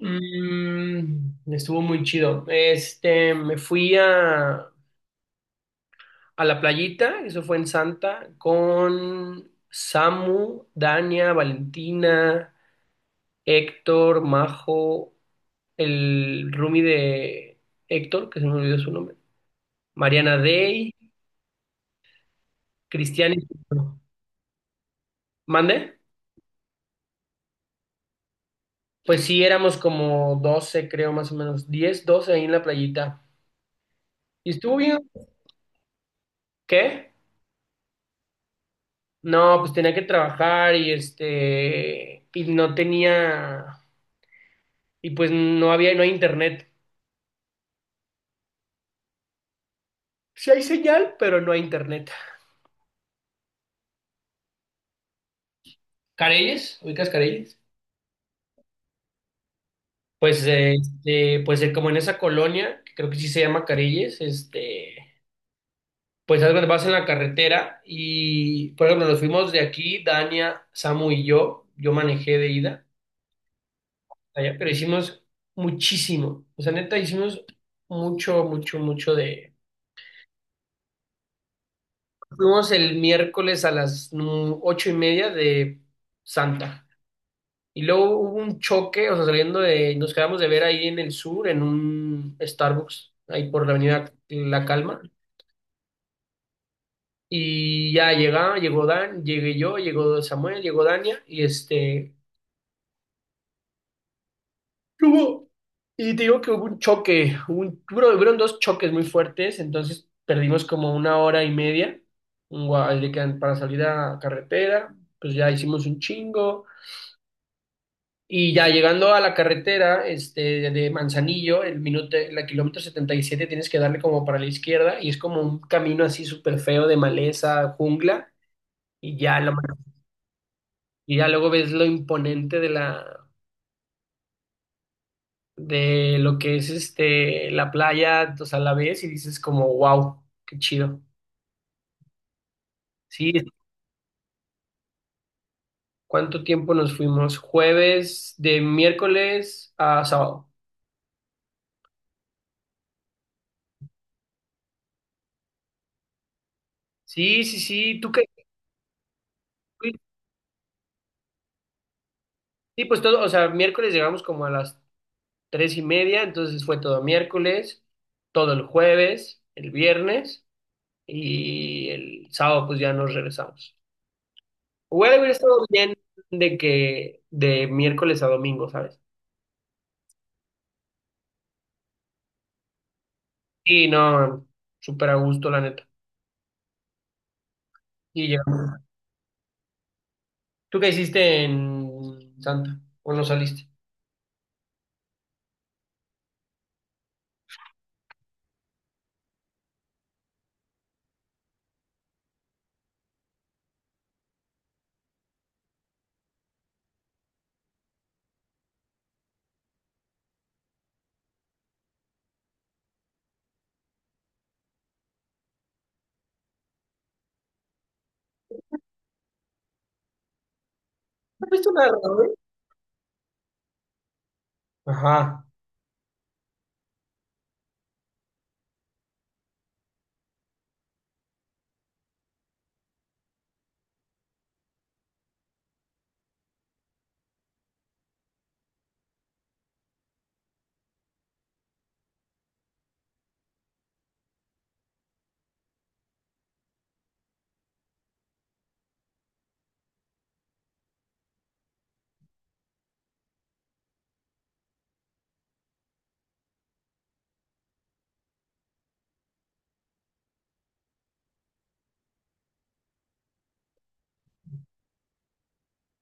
Estuvo muy chido. Este, me fui a la playita. Eso fue en Santa, con Samu, Dania, Valentina, Héctor, Majo, el roomie de Héctor, que se me olvidó su nombre, Mariana Day, Cristian y... ¿Mande? Pues sí, éramos como 12 creo, más o menos, 10 12 ahí en la playita. Y estuvo bien. ¿Qué? No, pues tenía que trabajar y este, y no tenía, y pues no había, no hay internet. Sí hay señal, pero no hay internet. Careyes, ¿ubicas Careyes? Pues, este, pues como en esa colonia, que creo que sí se llama Careyes, este, pues algo vas en la carretera y, por ejemplo, nos fuimos de aquí, Dania, Samu y yo manejé de ida allá, pero hicimos muchísimo, o sea, neta, hicimos mucho, mucho, mucho de... Fuimos el miércoles a las 8:30 de Santa. Y luego hubo un choque, o sea, saliendo de, nos quedamos de ver ahí en el sur, en un Starbucks, ahí por la avenida La Calma. Y ya llegó Dan, llegué yo, llegó Samuel, llegó Dania, y este, ¿qué hubo? Y te digo que hubo un choque, hubieron dos choques muy fuertes, entonces perdimos como una hora y media en Gua- de que- para salir a carretera, pues ya hicimos un chingo. Y ya llegando a la carretera este, de Manzanillo, la kilómetro 77 tienes que darle como para la izquierda y es como un camino así súper feo de maleza, jungla, y ya, la- y ya luego ves lo imponente de de lo que es este, la playa, o sea, la ves y dices como, wow, qué chido. Sí, ¿cuánto tiempo nos fuimos? Jueves, de miércoles a sábado. Sí, sí, sí, tú qué, sí, pues todo, o sea, miércoles llegamos como a las 3:30, entonces fue todo miércoles, todo el jueves, el viernes y el sábado pues ya nos regresamos. Hubiera estado bien de que de miércoles a domingo, ¿sabes? Y no, súper a gusto la neta. Y llegamos. ¿Tú qué hiciste en Santa? ¿O no saliste? ¿No fuiste a nada, güey? Ajá.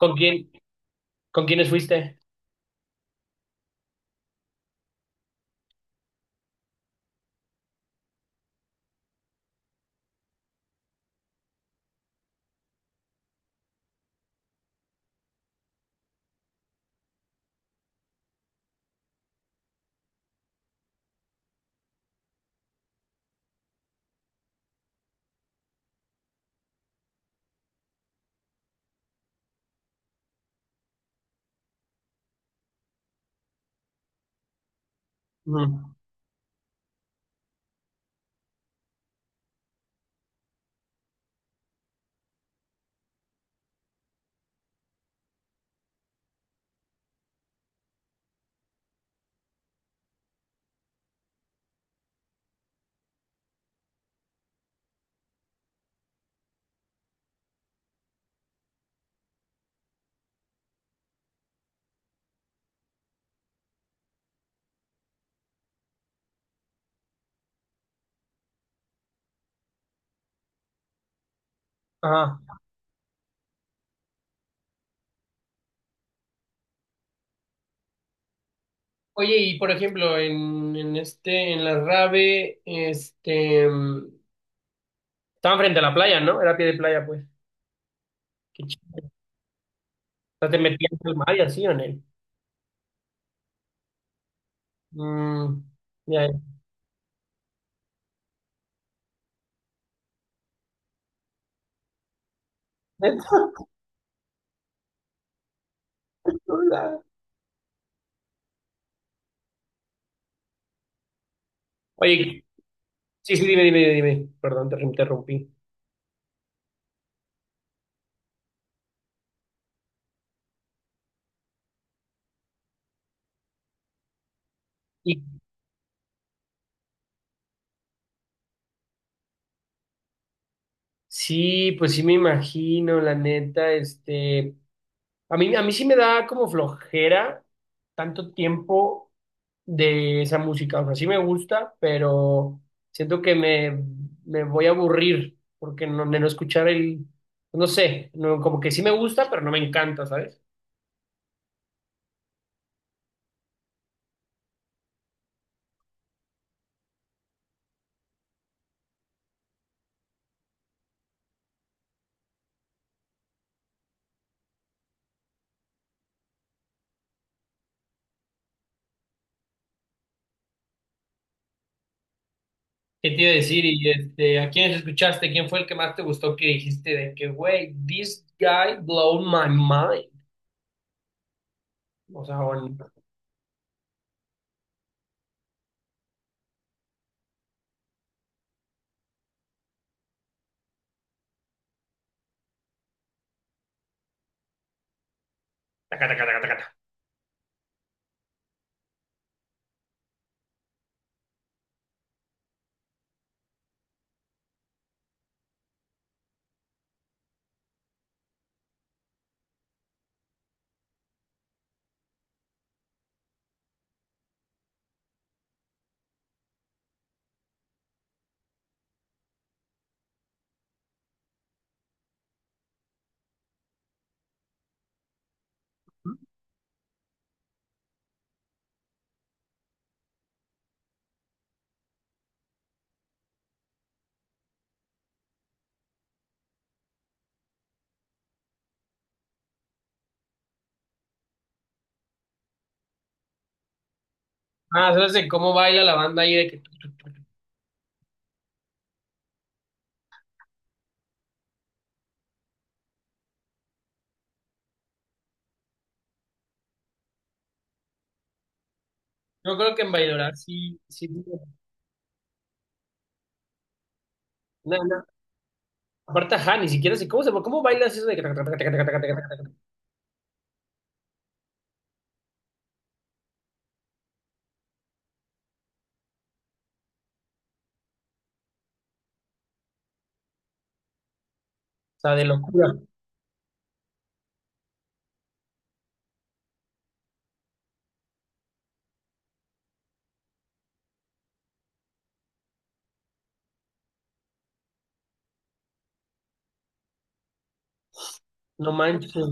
¿Con quién? ¿Con quiénes fuiste? Ujú. Ajá. Oye, y por ejemplo, en la Rave, este, estaban frente a la playa, ¿no? Era pie de playa, pues. Qué chido. O sea, te metías al mar y así, ¿o no? Mm, ya, ya. Hola. Oye, sí, sí, dime, dime, dime. Perdón, te interrumpí. ¿Y sí, pues sí me imagino, la neta, este, a mí sí me da como flojera tanto tiempo de esa música, o sea, sí me gusta, pero siento que me voy a aburrir porque no, de no escuchar el, no sé, no, como que sí me gusta, pero no me encanta, ¿sabes? ¿Qué te iba a decir? Y este, ¿a quiénes escuchaste? ¿Quién fue el que más te gustó que dijiste de que, güey, this guy blow my mind? O sea, o el... taca, taca, taca, taca, taca. Ah, sabes de cómo baila la banda ahí de que tu, tu, tu, tu. Yo creo que en bailar sí, sí. No, no. Aparte ajá, ni siquiera sé cómo bailas eso de que taca, taca, taca, taca, taca, taca, taca, taca? O sea, de locura. No manches.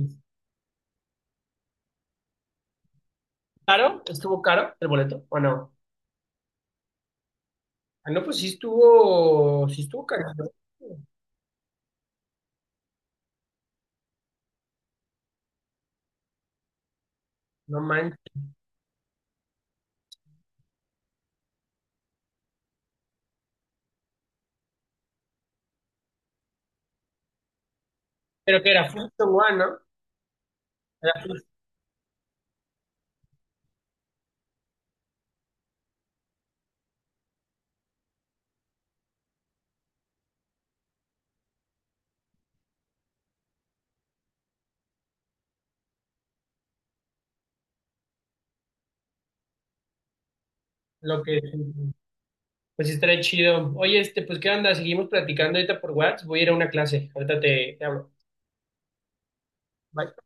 ¿Caro? ¿Estuvo caro el boleto o no? Ah, no, pues sí estuvo caro. No manches. Pero que era First and One, ¿no? Era First, lo que pues sí estaría chido. Oye, este, pues ¿qué onda? Seguimos platicando ahorita por WhatsApp. Voy a ir a una clase. Ahorita te hablo. Bye.